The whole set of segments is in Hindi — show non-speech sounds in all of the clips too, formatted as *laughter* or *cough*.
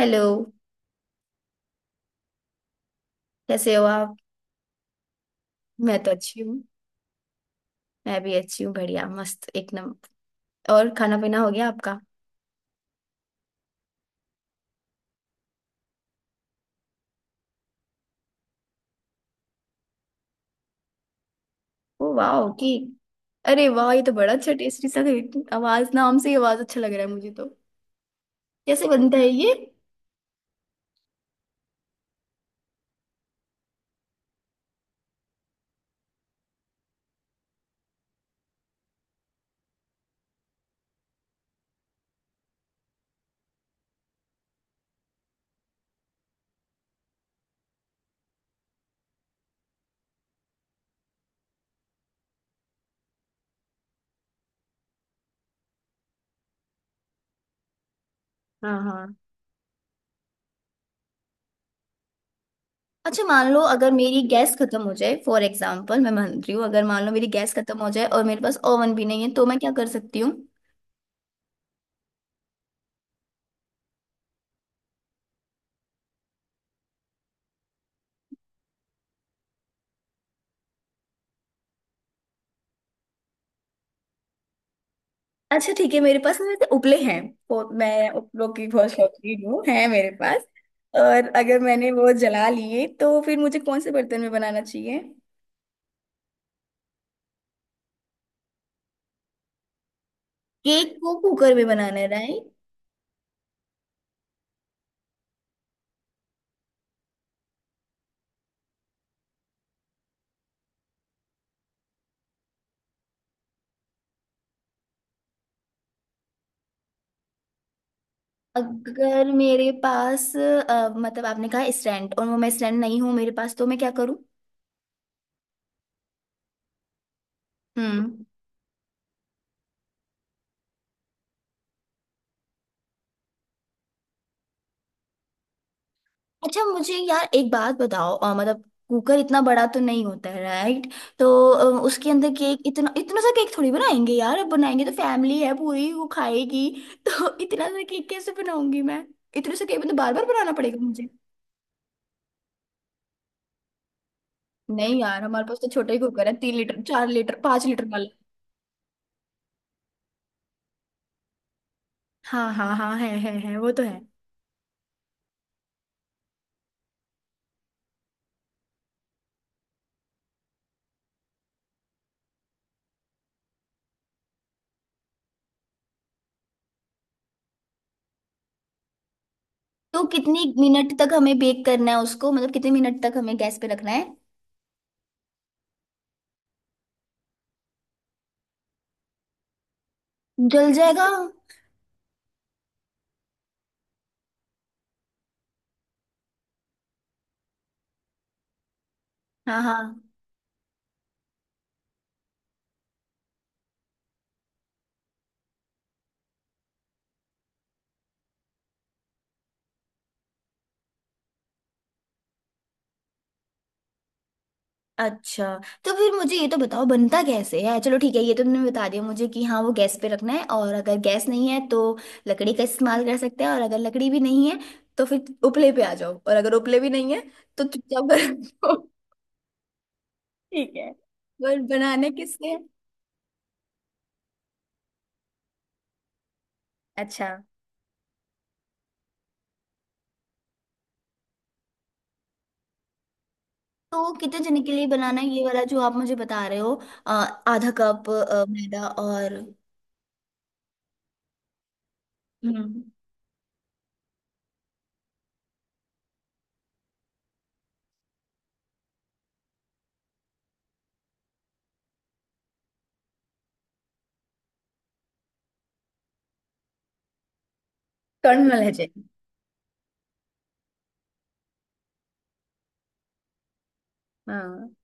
हेलो। कैसे हो आप। मैं तो अच्छी हूँ। मैं भी अच्छी हूँ, बढ़िया मस्त, एक नंबर। और खाना पीना हो गया आपका। ओ वाह, की। अरे वाह, ये तो बड़ा अच्छा टेस्टी सा है। आवाज, नाम से ही आवाज अच्छा लग रहा है मुझे तो। कैसे बनता है ये। हाँ हाँ। अच्छा, मान लो अगर मेरी गैस खत्म हो जाए, फॉर एग्जाम्पल मैं मान रही हूँ, अगर मान लो मेरी गैस खत्म हो जाए और मेरे पास ओवन भी नहीं है, तो मैं क्या कर सकती हूँ। अच्छा ठीक है, मेरे पास ना वैसे उपले हैं। मैं उपलों की बहुत शौकीन हूँ, है मेरे पास। और अगर मैंने वो जला लिए, तो फिर मुझे कौन से बर्तन में बनाना चाहिए। केक को कुकर में बनाना है, राइट। अगर मेरे पास मतलब आपने कहा स्टैंड, और वो मैं स्टैंड नहीं हूँ मेरे पास, तो मैं क्या करूँ। हम्म। अच्छा मुझे यार एक बात बताओ, मतलब कुकर इतना बड़ा तो नहीं होता है, राइट। तो उसके अंदर केक, इतना इतना सा केक थोड़ी बनाएंगे यार। अब बनाएंगे तो फैमिली है पूरी, वो खाएगी। तो *laughs* इतना सा केक कैसे बनाऊंगी मैं। इतने से केक तो बार बार बनाना पड़ेगा मुझे। नहीं यार, हमारे पास तो छोटा ही कुकर है, 3 लीटर 4 लीटर 5 लीटर वाला। हाँ हाँ हाँ, है, वो तो है। तो कितनी मिनट तक हमें बेक करना है उसको, मतलब कितने मिनट तक हमें गैस पे रखना है। जल जाएगा। हाँ हाँ। अच्छा। तो फिर मुझे ये तो बताओ बनता कैसे है। चलो ठीक है, ये तो तुमने बता दिया मुझे कि हाँ वो गैस पे रखना है, और अगर गैस नहीं है तो लकड़ी का इस्तेमाल कर सकते हैं, और अगर लकड़ी भी नहीं है तो फिर उपले पे आ जाओ, और अगर उपले भी नहीं है तो चुपचाप घर जाओ। ठीक है। पर बनाने किससे है? अच्छा, तो कितने जने के लिए बनाना है ये वाला जो आप मुझे बता रहे हो। अ, आधा कप मैदा, और। हम्म। कर्नल है जी। हाँ।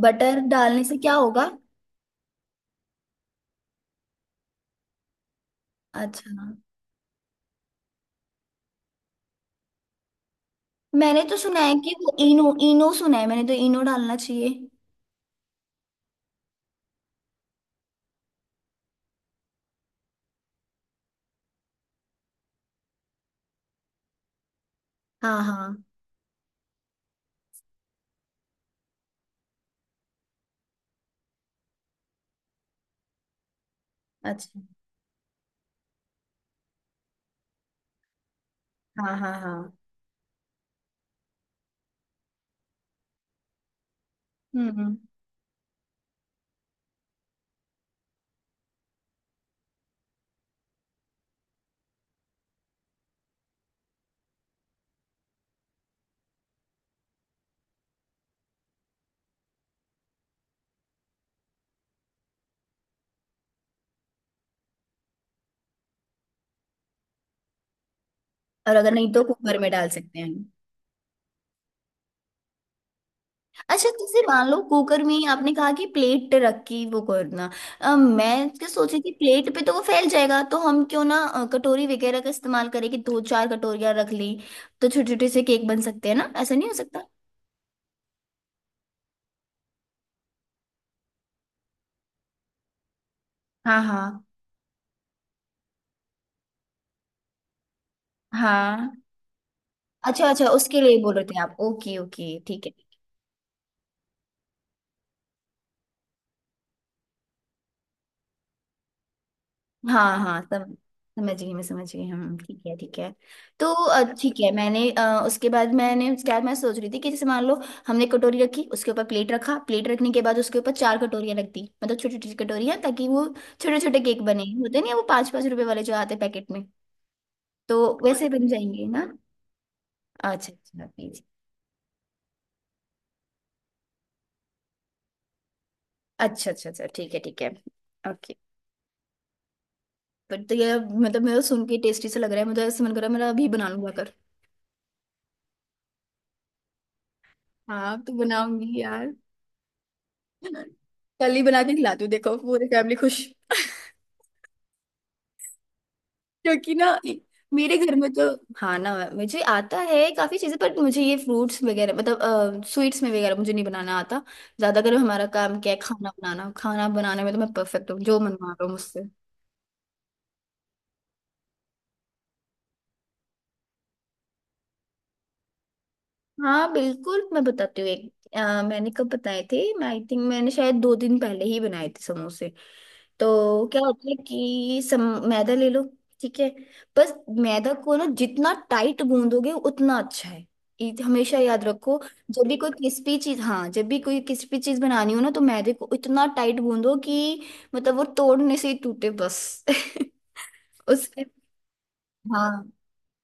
बटर डालने से क्या होगा। अच्छा। मैंने तो सुना है कि वो इनो इनो सुना है मैंने तो, इनो डालना चाहिए। हाँ हाँ। अच्छा। हाँ हाँ हाँ। हम्म। और अगर नहीं तो कुकर में डाल सकते हैं हम। अच्छा, जैसे मान लो कुकर में आपने कहा कि प्लेट रखी, वो करना, मैं क्या सोची थी, प्लेट पे तो वो फैल जाएगा, तो हम क्यों ना कटोरी वगैरह का इस्तेमाल करें, कि दो चार कटोरियां रख ली। तो छोटे छोटे से केक बन सकते हैं ना, ऐसा नहीं हो सकता। हाँ हाँ हाँ। अच्छा अच्छा, उसके लिए बोल रहे थे आप, ओके ओके ठीक है। हाँ हाँ सम, समझ गई, मैं समझ गई, हम ठीक है ठीक है। तो ठीक है, मैंने उसके बाद मैंने क्या मैं सोच रही थी कि, जैसे मान लो हमने कटोरी रखी, उसके ऊपर प्लेट रखा, प्लेट रखने के बाद उसके ऊपर चार कटोरियाँ रख दी, मतलब छोटी छोटी कटोरियाँ, ताकि वो छोटे छोटे केक बने, होते नहीं है वो 5-5 रुपए वाले जो आते हैं पैकेट में। तो वैसे बन जाएंगे ना। अच्छा अच्छा please। अच्छा अच्छा अच्छा ठीक है ठीक है। ओके। पर तो ये, मतलब मेरा सुन के टेस्टी सा लग रहा है मुझे, ऐसे मन कर रहा है मेरा अभी बना लूंगा कर। हाँ, तो बनाऊंगी यार। कल ही बना के खिलाती हूँ, देखो पूरी फैमिली खुश *laughs* क्योंकि ना, मेरे घर में तो, खाना मुझे आता है काफी चीजें, पर मुझे ये फ्रूट्स वगैरह मतलब स्वीट्स में वगैरह मुझे नहीं बनाना आता। ज्यादातर हमारा काम क्या है, खाना बनाना, खाना बनाने में तो मैं परफेक्ट हूँ, जो मन मारो मुझसे। हाँ बिल्कुल, मैं बताती हूँ एक। मैंने कब बताए थे, मैं आई थिंक मैंने शायद 2 दिन पहले ही बनाए थे समोसे। तो क्या होता है कि, सम मैदा ले लो। ठीक है। बस। मैदा को ना जितना टाइट गूंदोगे उतना अच्छा है। ये हमेशा याद रखो। जब भी कोई क्रिस्पी चीज हाँ, जब भी कोई क्रिस्पी चीज बनानी हो ना, तो मैदे को इतना टाइट गूंदो कि, मतलब वो तोड़ने से ही टूटे बस *laughs* उसके। हाँ,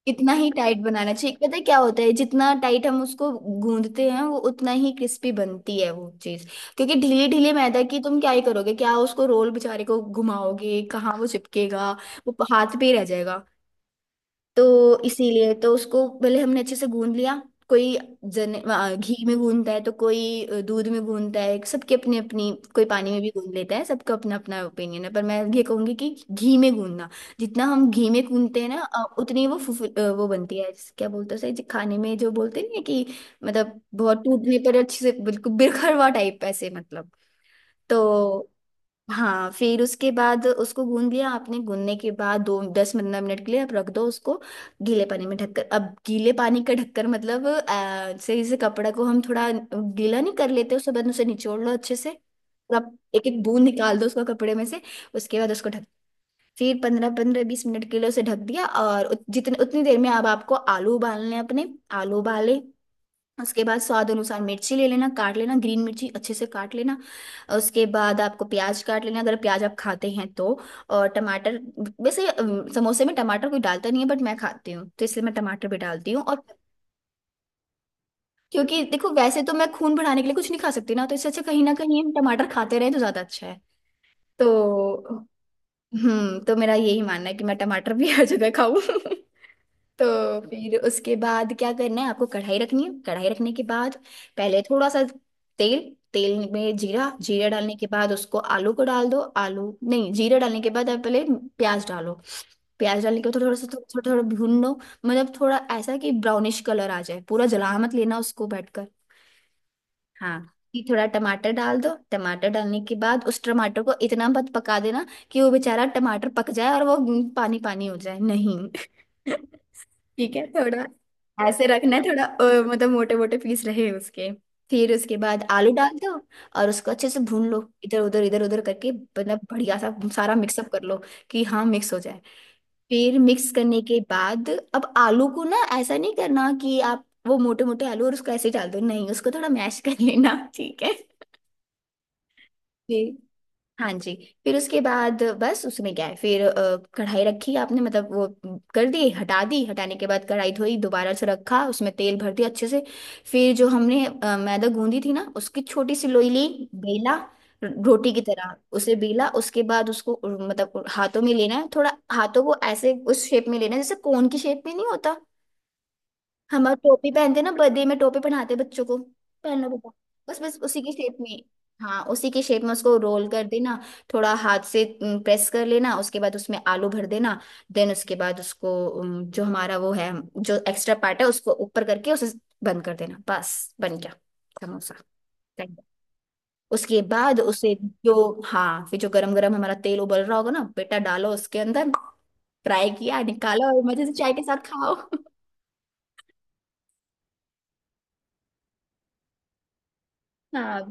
इतना ही टाइट बनाना चाहिए। पता है क्या होता है, जितना टाइट हम उसको गूंदते हैं वो उतना ही क्रिस्पी बनती है वो चीज। क्योंकि ढीले ढीले मैदा की तुम क्या ही करोगे, क्या उसको रोल बेचारे को घुमाओगे, कहाँ वो चिपकेगा। वो हाथ पे ही रह जाएगा। तो इसीलिए तो उसको पहले हमने अच्छे से गूंद लिया। कोई जने घी में गूंदता है, तो कोई दूध में गूंदता है, सबके अपनी अपनी, कोई पानी में भी गूंद लेता है, सबका अपना अपना ओपिनियन है। पर मैं ये कहूंगी कि घी में गूंदना, जितना हम घी में गूंदते हैं ना उतनी वो वो बनती है। क्या बोलते हैं उसे, जो खाने में जो बोलते नहीं है कि, मतलब बहुत टूटने पर अच्छे से बिल्कुल बिरखरवा टाइप ऐसे, मतलब। तो हाँ, फिर उसके बाद उसको गूंद लिया आपने। गूंदने के बाद दो 10-15 मिनट के लिए आप रख दो उसको गीले पानी में ढककर। अब गीले पानी का ढककर मतलब सही से कपड़ा को, हम थोड़ा गीला नहीं कर लेते, उसके बाद उसे निचोड़ लो अच्छे से, और आप एक एक बूंद निकाल दो उसका कपड़े में से। उसके बाद उसको ढक, फिर 15-15 20 मिनट के लिए उसे ढक दिया। और जितने उतनी देर में अब आपको आलू उबालने हैं अपने। आलू उबाले, उसके बाद स्वाद अनुसार मिर्ची ले लेना, काट लेना, ग्रीन मिर्ची अच्छे से काट लेना। उसके बाद आपको प्याज काट लेना, अगर प्याज आप खाते हैं तो। और टमाटर। वैसे समोसे में टमाटर कोई डालता नहीं है, बट मैं खाती हूँ तो इसलिए मैं टमाटर भी डालती हूँ। और क्योंकि देखो वैसे तो मैं खून बढ़ाने के लिए कुछ नहीं खा सकती ना, तो इससे अच्छा कहीं ना कहीं हम टमाटर खाते रहे तो ज्यादा अच्छा है। तो हम्म, तो मेरा यही मानना है कि मैं टमाटर भी *laughs* हर जगह खाऊं *laughs* तो फिर उसके बाद क्या करना है आपको, कढ़ाई रखनी है। कढ़ाई रखने के बाद पहले थोड़ा सा तेल, तेल में जीरा, जीरा डालने के बाद उसको आलू को डाल दो, आलू नहीं, जीरा डालने के बाद आप पहले प्याज डालो। प्याज डालने के बाद थोड़ा सा, थोड़ा थोड़ा भून लो, मतलब थोड़ा ऐसा कि ब्राउनिश कलर आ जाए, पूरा जला मत लेना उसको बैठकर। हाँ। फिर थोड़ा टमाटर डाल दो। टमाटर डालने के बाद उस टमाटर को इतना मत पका देना कि वो बेचारा टमाटर पक जाए और वो पानी पानी हो जाए, नहीं *laughs* ठीक है। थोड़ा ऐसे रखना है, थोड़ा मतलब मोटे मोटे पीस रहे उसके। फिर उसके बाद आलू डाल दो, और उसको अच्छे से भून लो, इधर उधर करके, मतलब बढ़िया सा सारा मिक्सअप कर लो, कि हाँ मिक्स हो जाए। फिर मिक्स करने के बाद, अब आलू को ना ऐसा नहीं करना कि आप वो मोटे मोटे आलू और उसको ऐसे ही डाल दो, नहीं उसको थोड़ा मैश कर लेना, ठीक है। हाँ जी। फिर उसके बाद बस उसमें क्या है। फिर कढ़ाई रखी आपने, मतलब वो कर दी, हटा दी, हटाने के बाद कढ़ाई धोई, दोबारा से रखा, उसमें तेल भर दिया अच्छे से। फिर जो हमने मैदा गूंदी थी ना, उसकी छोटी सी लोई ली। बेला, रोटी की तरह उसे बेला। उसके बाद उसको मतलब हाथों में लेना है, थोड़ा हाथों को ऐसे उस शेप में लेना है जैसे कोन की शेप में नहीं होता। हम और, टोपी पहनते हैं ना, बर्थडे में टोपी पहनाते हैं बच्चों को, पहन लो बेटा, बस बस उसी की शेप में। हाँ, उसी की शेप में उसको रोल कर देना। थोड़ा हाथ से प्रेस कर लेना, उसके बाद उसमें आलू भर देना। देन उसके बाद उसको, जो हमारा वो है जो एक्स्ट्रा पार्ट है, उसको ऊपर करके उसे बंद कर देना। बस, बन गया समोसा। Thank you. उसके बाद उसे, जो, हाँ फिर जो गरम गरम हमारा तेल उबल रहा होगा ना, बेटा डालो उसके अंदर। फ्राई किया, निकालो, और मजे से चाय के साथ खाओ *laughs* हाँ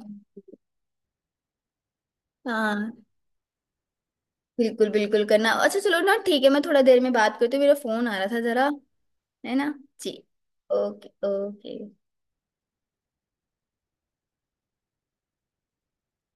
हाँ, बिल्कुल बिल्कुल करना। अच्छा चलो ना, ठीक है, मैं थोड़ा देर में बात करती हूँ, मेरा फोन आ रहा था जरा, है ना। जी। Okay okay.